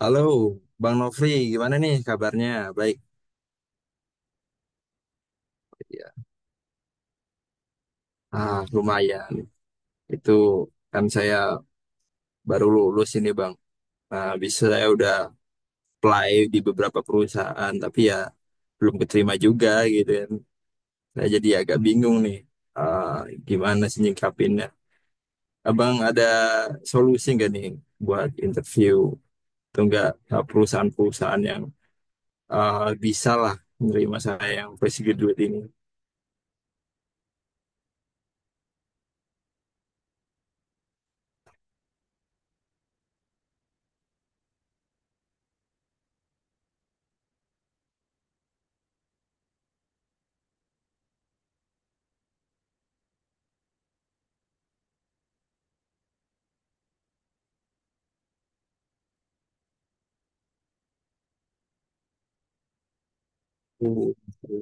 Halo, Bang Nofri, gimana nih kabarnya? Baik, ya. Ah, lumayan. Itu kan saya baru lulus ini, Bang. Nah, habis saya udah apply di beberapa perusahaan, tapi ya belum keterima juga gitu kan. Saya jadi agak bingung nih, ah, gimana sih nyikapinnya. Abang ada solusi nggak nih buat interview? Atau nggak perusahaan-perusahaan yang bisa lah menerima saya yang fresh graduate ini? Uh.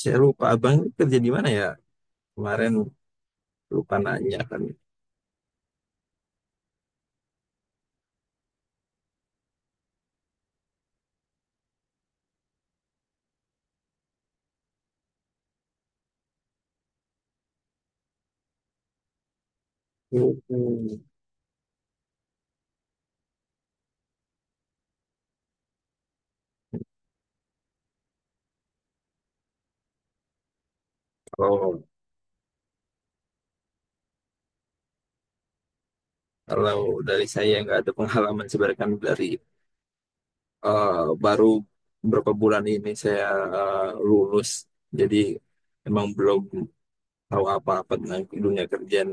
Saya lupa abang ini kerja di mana ya? Kemarin lupa nanya kan. Mm. Kalau kalau dari saya nggak ada pengalaman sebenarnya kan dari eh, baru beberapa bulan ini saya eh, lulus. Jadi emang belum tahu apa-apa tentang dunia kerjaan.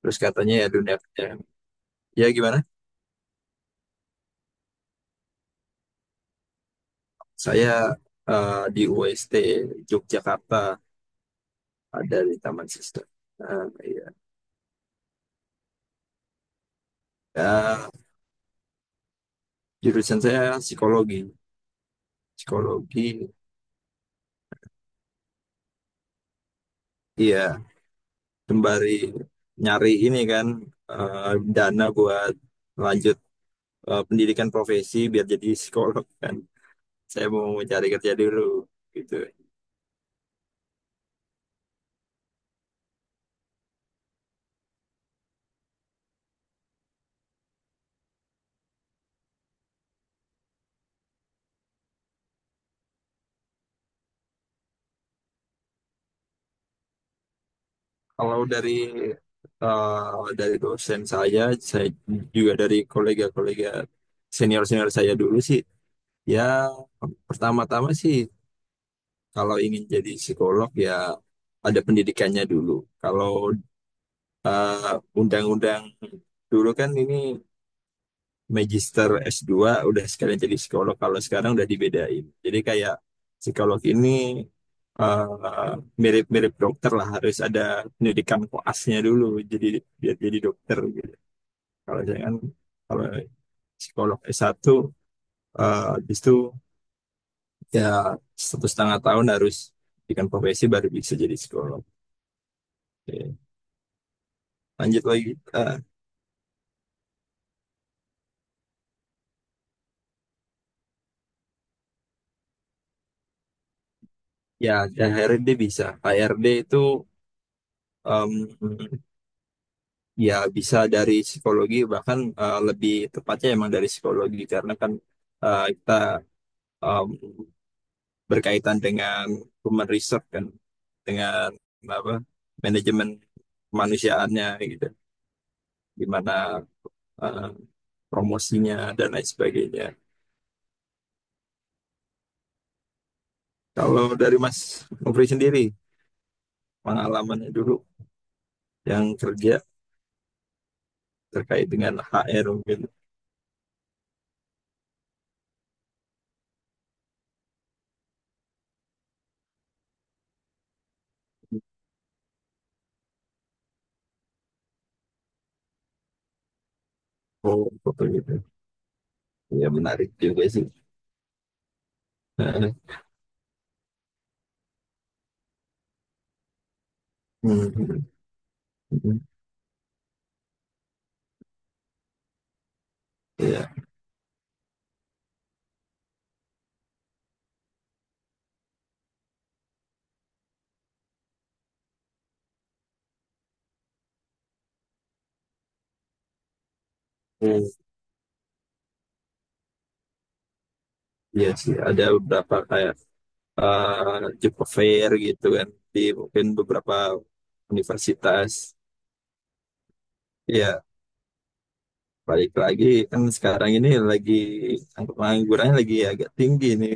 Terus katanya ya dunia kerjaan. Ya gimana? Saya di UST Yogyakarta ada di Taman Siswa. Iya. Ya, jurusan saya psikologi. Psikologi. Iya, sembari nyari ini kan dana buat lanjut pendidikan profesi biar jadi psikolog kan. Saya mau cari kerja dulu gitu. Kalau dari dosen saya juga dari kolega-kolega senior-senior saya dulu sih, ya pertama-tama sih kalau ingin jadi psikolog ya ada pendidikannya dulu. Kalau undang-undang dulu kan ini magister S2 udah sekalian jadi psikolog, kalau sekarang udah dibedain. Jadi kayak psikolog ini eh, mirip-mirip dokter lah, harus ada pendidikan koasnya dulu jadi biar jadi dokter gitu. Kalau jangan kalau psikolog S1 habis itu ya 1,5 tahun harus pendidikan profesi baru bisa jadi psikolog. Oke, lanjut lagi. Eh, Ya akhirnya dia bisa HRD itu. um, Ya, bisa dari psikologi, bahkan lebih tepatnya emang dari psikologi, karena kan kita em, berkaitan dengan human research kan, dengan apa manajemen kemanusiaannya gitu, gimana eh, promosinya dan lain sebagainya. Kalau dari Mas Nofri sendiri, pengalamannya dulu yang kerja terkait dengan HR mungkin, oh, betul gitu. Ya, menarik juga sih. Hmm, hmm, hmm. Iya. Hmm. Iya sih, ada beberapa kayak Jepang Fair gitu kan di mungkin beberapa universitas. Iya, balik lagi, kan sekarang ini lagi angka penganggurannya lagi agak tinggi nih.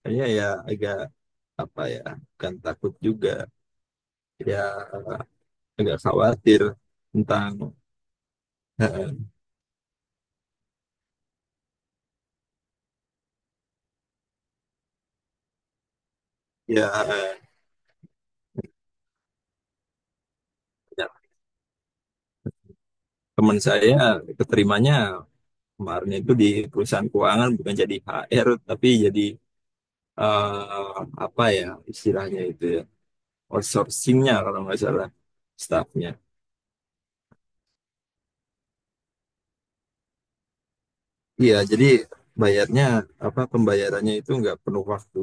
Kayaknya ya agak apa ya, bukan takut juga, ya agak khawatir tentang ya, ya, teman saya keterimanya kemarin itu di perusahaan keuangan bukan jadi HR tapi jadi apa ya istilahnya itu ya, outsourcingnya kalau nggak salah, staffnya. Iya, jadi bayarnya, apa, pembayarannya itu nggak penuh waktu.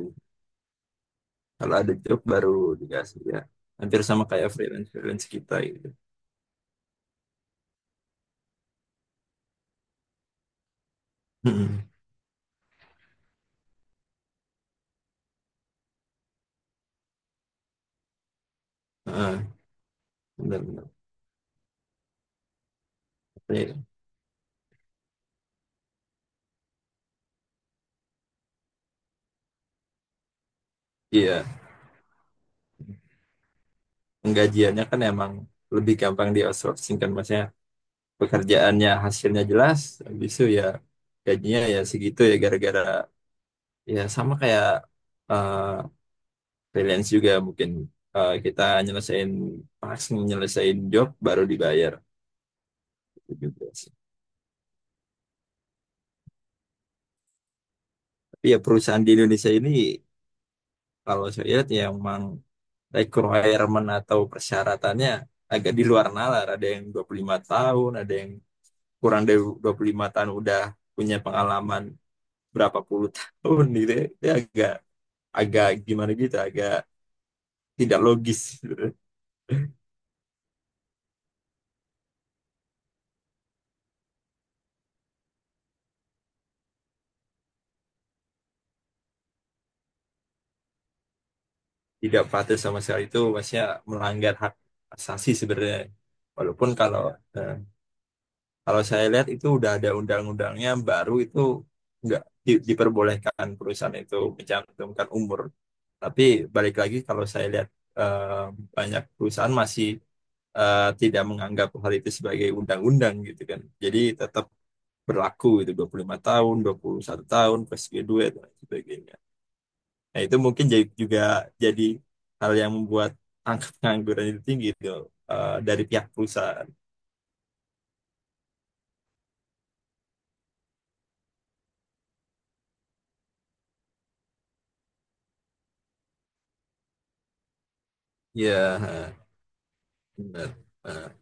Kalau ada job baru dikasih ya. Hampir sama kayak freelance freelance kita gitu. Mm-mm. Ah, benar-benar. Iya, iya. Penggajiannya kan emang lebih gampang di outsourcing kan, maksudnya pekerjaannya hasilnya jelas, habis itu ya gajinya ya segitu ya, gara-gara ya sama kayak eh, freelance juga mungkin, kita nyelesain pas nyelesain job baru dibayar. Gitu juga sih. Tapi ya perusahaan di Indonesia ini kalau saya lihat ya emang requirement atau persyaratannya agak di luar nalar. Ada yang 25 tahun, ada yang kurang dari 25 tahun udah punya pengalaman berapa puluh tahun gitu, ya. Itu agak agak gimana gitu, agak tidak logis gitu. Tidak patuh sama sekali, itu maksudnya melanggar hak asasi sebenarnya. Walaupun eh, kalau saya lihat itu udah ada undang-undangnya baru, itu nggak diperbolehkan perusahaan itu mencantumkan umur. Tapi balik lagi kalau saya lihat eh, banyak perusahaan masih tidak menganggap hal itu sebagai undang-undang gitu kan. Jadi tetap berlaku itu 25 tahun, 21 tahun, plus graduate dan sebagainya. Nah, itu mungkin juga jadi hal yang membuat angka pengangguran itu tinggi, itu dari pihak perusahaan. Iya, ha, benar. Ha,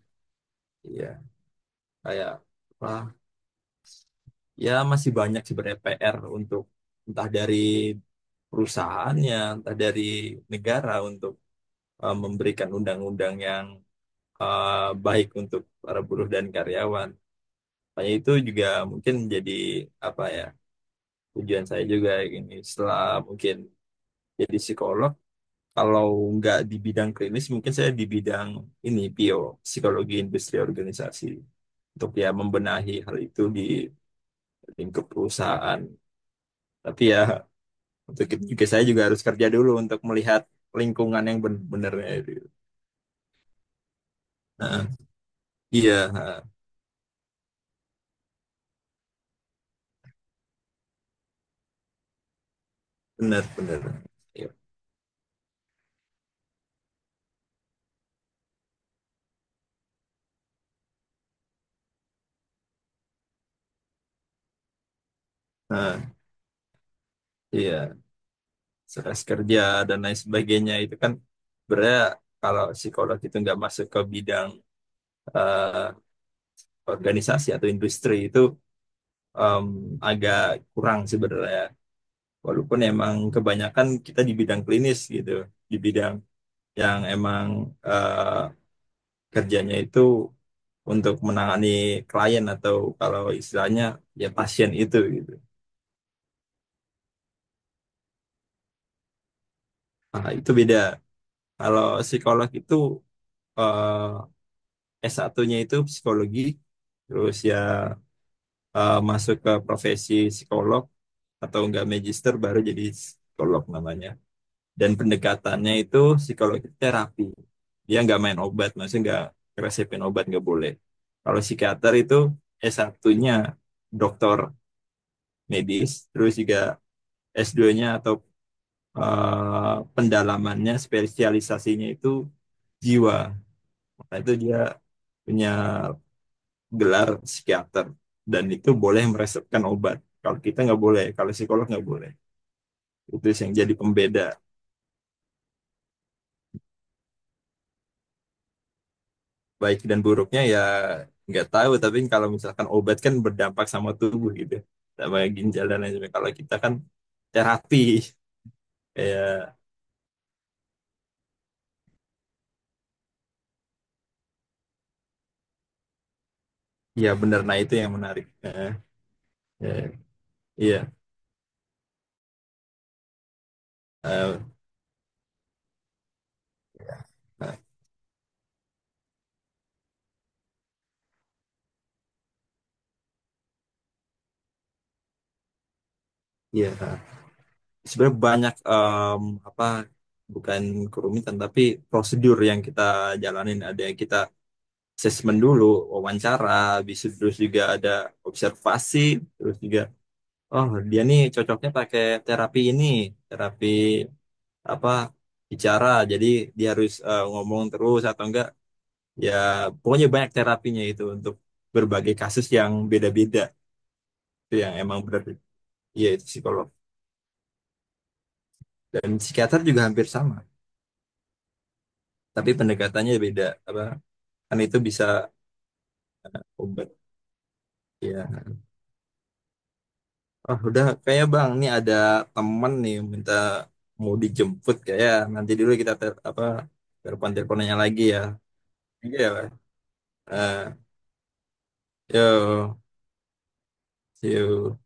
iya, kayak apa? Ya masih banyak sebenarnya PR untuk entah dari perusahaannya, entah dari negara untuk memberikan undang-undang yang eh, baik untuk para buruh dan karyawan. Makanya itu juga mungkin jadi apa ya, tujuan saya juga ini setelah mungkin jadi psikolog. Kalau nggak di bidang klinis, mungkin saya di bidang ini, PO, psikologi industri organisasi. Untuk ya membenahi hal itu di lingkup perusahaan. Tapi ya, untuk itu juga saya juga harus kerja dulu untuk melihat lingkungan yang benar-benarnya itu. Nah, iya, benar-benar. Nah, iya, stres kerja dan lain sebagainya itu kan sebenarnya kalau psikolog itu nggak masuk ke bidang eh, organisasi atau industri itu em, agak kurang sebenarnya. Walaupun emang kebanyakan kita di bidang klinis gitu, di bidang yang emang eh, kerjanya itu untuk menangani klien atau kalau istilahnya ya pasien itu gitu. Nah, itu beda. Kalau psikolog itu eh, S1-nya itu psikologi, terus ya masuk ke profesi psikolog atau enggak magister baru jadi psikolog namanya. Dan pendekatannya itu psikologi terapi, dia nggak main obat, maksudnya nggak resepin obat nggak boleh. Kalau psikiater itu S1-nya dokter medis, terus juga S2-nya atau pendalamannya spesialisasinya itu jiwa. Nah, itu dia punya gelar psikiater dan itu boleh meresepkan obat, kalau kita nggak boleh, kalau psikolog nggak boleh. Itu yang jadi pembeda. Baik dan buruknya ya nggak tahu, tapi kalau misalkan obat kan berdampak sama tubuh gitu, sama ginjal dan lain sebagainya, kalau kita kan terapi, kayak ya benar. Nah, itu yang menarik. Eh, iya. eh, eh, iya. Yeah. Sebenarnya banyak apa, bukan kerumitan tapi prosedur yang kita jalanin, ada yang kita assessment dulu, wawancara bisa, terus juga ada observasi, terus juga oh dia nih cocoknya pakai terapi ini, terapi apa, bicara, jadi dia harus ngomong terus atau enggak, ya pokoknya banyak terapinya itu untuk berbagai kasus yang beda-beda. Itu yang emang benar, iya itu psikolog, dan psikiater juga hampir sama tapi pendekatannya beda, apa kan itu bisa obat ya. Oh, udah, kayak bang nih ada temen nih minta mau dijemput, kayak nanti dulu kita apa telepon teleponannya lagi ya, iya Bang. Eh, Yo, see you.